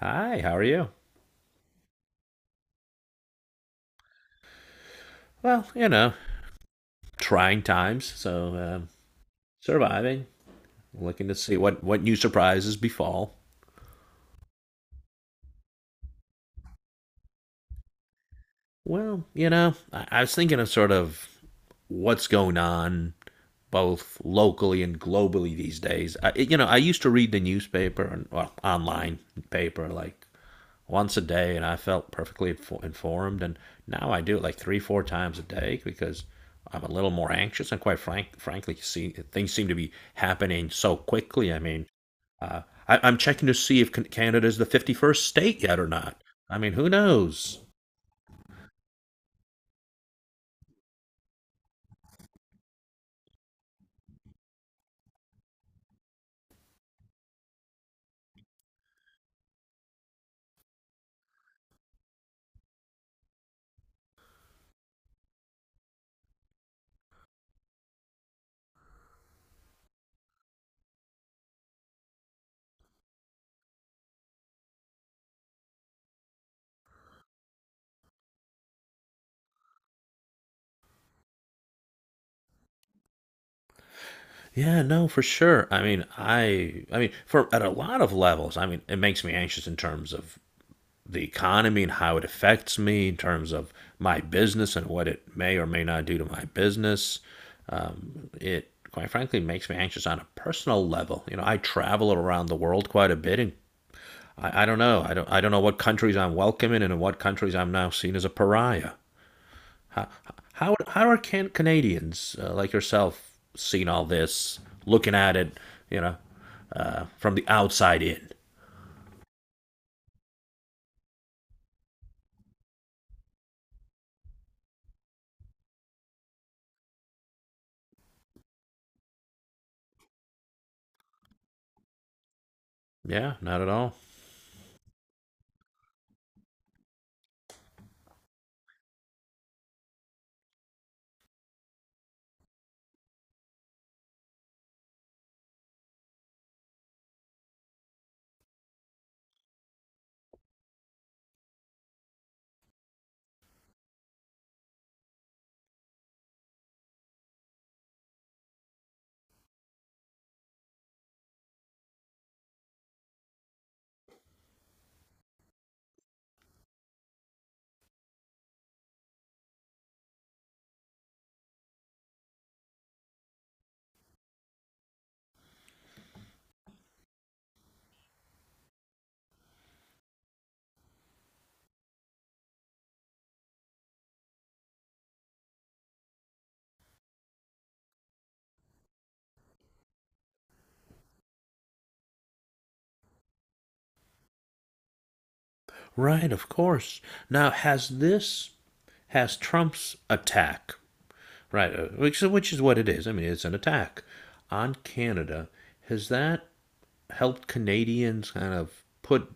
Hi, how are you? Well, you know, trying times, so surviving, looking to see what new surprises befall. Well, you know, I was thinking of sort of what's going on both locally and globally these days. I, you know, I used to read the newspaper and well, online paper like once a day, and I felt perfectly informed. And now I do it like three, four times a day because I'm a little more anxious. And frankly, see, things seem to be happening so quickly. I mean, uh, I'm checking to see if Canada is the 51st state yet or not. I mean, who knows? Yeah, no, for sure. I mean, I mean, for at a lot of levels, I mean, it makes me anxious in terms of the economy and how it affects me in terms of my business and what it may or may not do to my business. It quite frankly makes me anxious on a personal level. You know, I travel around the world quite a bit, and I don't know. I don't. I don't know what countries I'm welcome in, and in what countries I'm now seen as a pariah. How are Canadians like yourself seeing all this, looking at it, you know, from the outside in? Yeah, not at all. Right, of course. Now, has Trump's attack, right, which is what it is, I mean, it's an attack on Canada, has that helped Canadians kind of put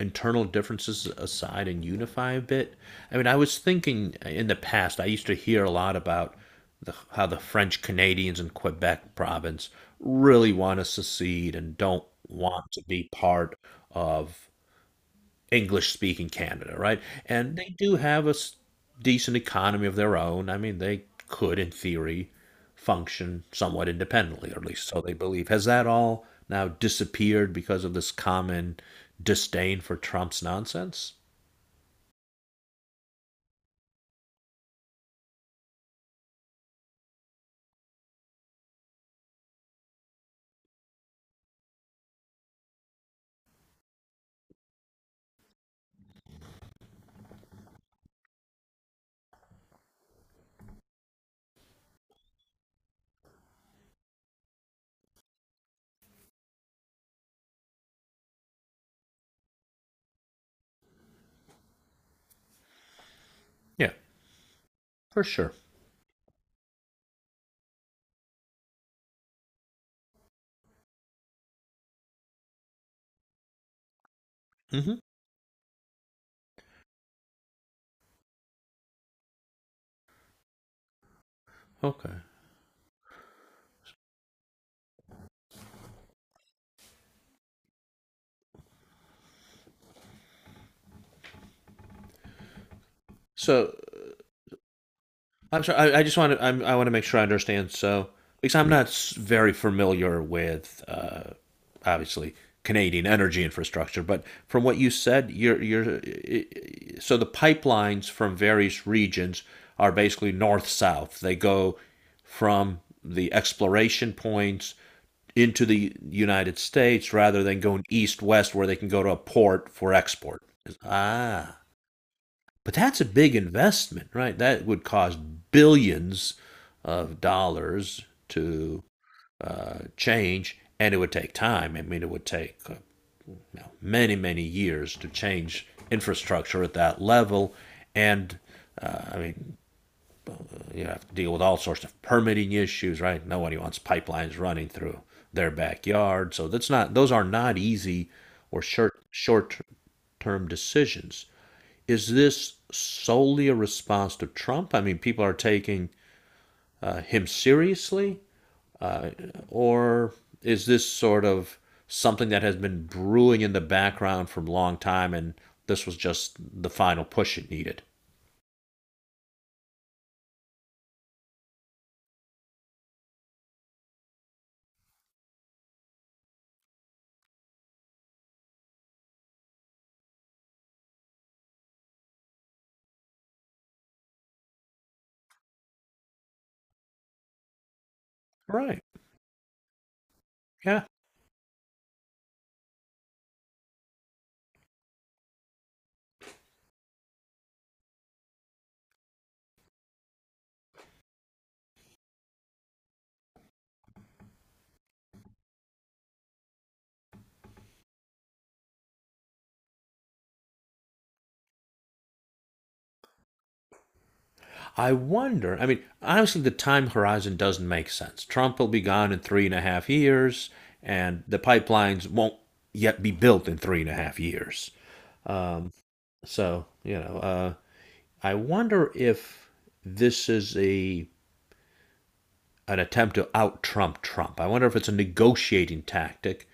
internal differences aside and unify a bit? I mean, I was thinking in the past, I used to hear a lot about how the French Canadians in Quebec province really want to secede and don't want to be part of English speaking Canada, right? And they do have a decent economy of their own. I mean, they could, in theory, function somewhat independently, or at least so they believe. Has that all now disappeared because of this common disdain for Trump's nonsense? Yeah, for sure. Hmm. Okay. So I'm sorry. I just want to. I want to make sure I understand. So, because I'm not very familiar with, obviously, Canadian energy infrastructure, but from what you said, you're you're. So the pipelines from various regions are basically north south. They go from the exploration points into the United States rather than going east west where they can go to a port for export. Ah, but that's a big investment, right? That would cost billions of dollars to change, and it would take time. I mean, it would take you know, many, many years to change infrastructure at that level. And I mean, you have to deal with all sorts of permitting issues, right? Nobody wants pipelines running through their backyard. So that's not; those are not easy or short term decisions. Is this solely a response to Trump? I mean, people are taking him seriously, uh, or is this sort of something that has been brewing in the background for a long time and this was just the final push it needed? Right. Yeah. I wonder. I mean, honestly, the time horizon doesn't make sense. Trump will be gone in 3.5 years, and the pipelines won't yet be built in 3.5 years. Um, so, you know, I wonder if this is a an attempt to out Trump Trump. I wonder if it's a negotiating tactic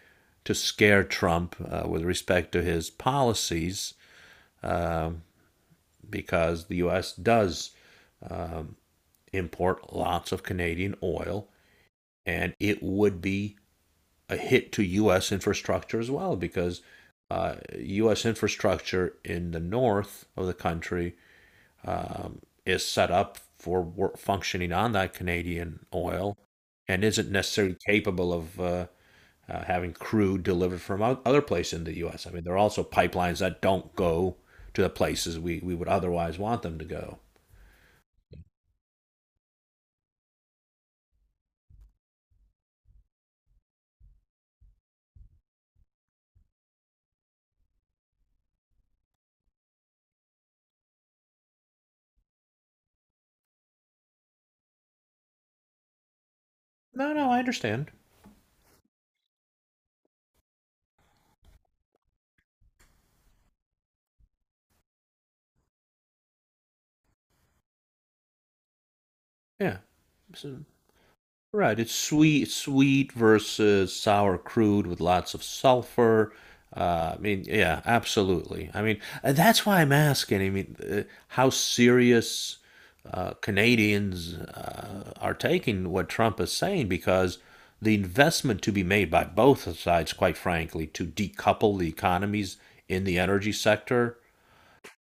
to scare Trump with respect to his policies, um, because the U.S. does um, import lots of Canadian oil, and it would be a hit to U.S. infrastructure as well, because U.S. infrastructure in the north of the country is set up for work, functioning on that Canadian oil and isn't necessarily capable of having crude delivered from other places in the U.S. I mean, there are also pipelines that don't go to the places we would otherwise want them to go. No, no, I understand. Yeah. So right. It's sweet versus sour crude with lots of sulfur. I mean, yeah, absolutely. I mean, and that's why I'm asking. I mean, how serious Canadians are taking what Trump is saying because the investment to be made by both sides, quite frankly, to decouple the economies in the energy sector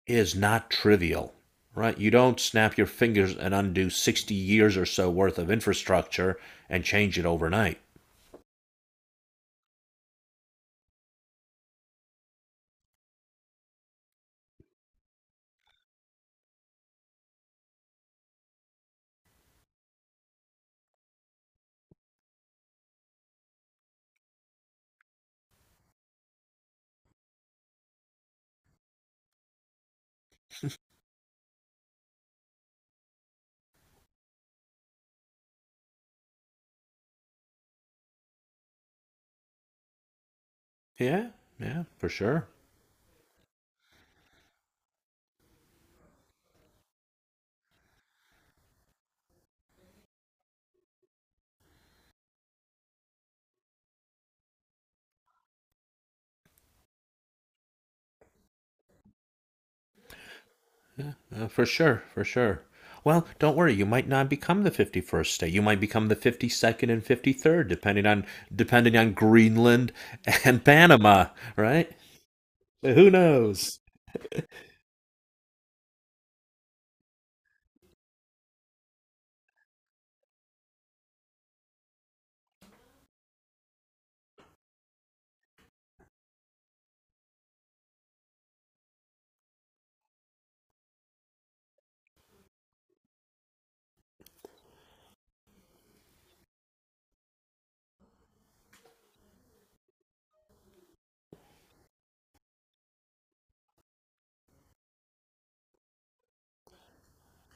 is not trivial, right? You don't snap your fingers and undo 60 years or so worth of infrastructure and change it overnight. Yeah, yeah, for sure. For sure, for sure. Well, don't worry, you might not become the 51st state. You might become the 52nd and 53rd depending on Greenland and Panama, right? Who knows?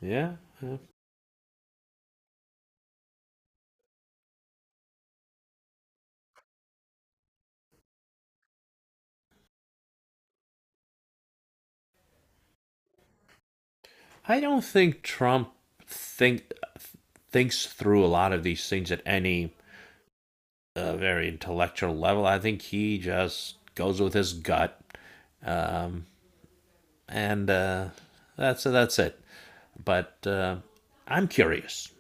Yeah, yeah. I don't think Trump think thinks through a lot of these things at any a very intellectual level. I think he just goes with his gut, um, and that's it. But I'm curious.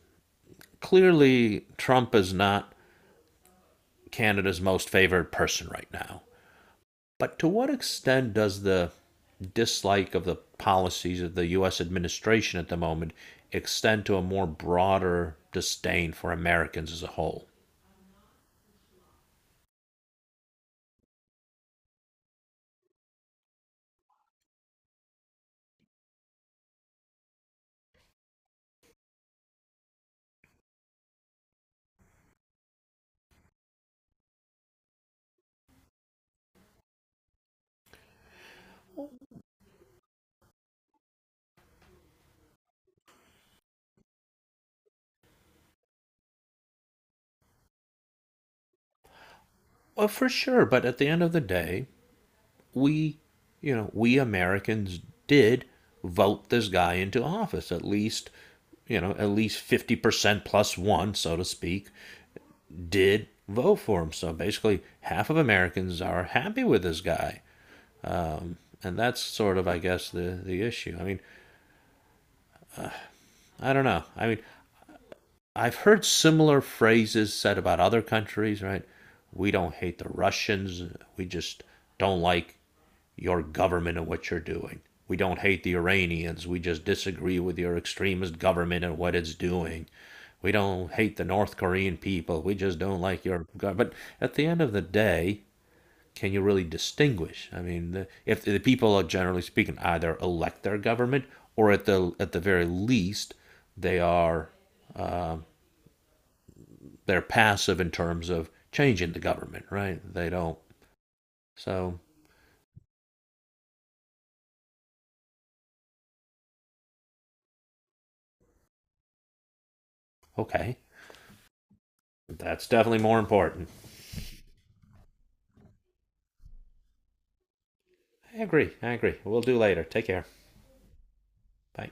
Clearly, Trump is not Canada's most favored person right now. But to what extent does the dislike of the policies of the U.S. administration at the moment extend to a more broader disdain for Americans as a whole? Well, for sure, but at the end of the day, we, you know, we Americans did vote this guy into office. At least, you know, at least 50% plus one, so to speak, did vote for him. So basically, half of Americans are happy with this guy. Um, and that's sort of, I guess, the issue. I mean, I don't know. I mean, I've heard similar phrases said about other countries, right? We don't hate the Russians. We just don't like your government and what you're doing. We don't hate the Iranians. We just disagree with your extremist government and what it's doing. We don't hate the North Korean people. We just don't like your government. But at the end of the day, can you really distinguish? I mean, if the people are generally speaking either elect their government or at the very least they are uh, they're passive in terms of changing the government, right? They don't. So, okay. That's definitely more important. I agree. I agree. We'll do later. Take care. Bye.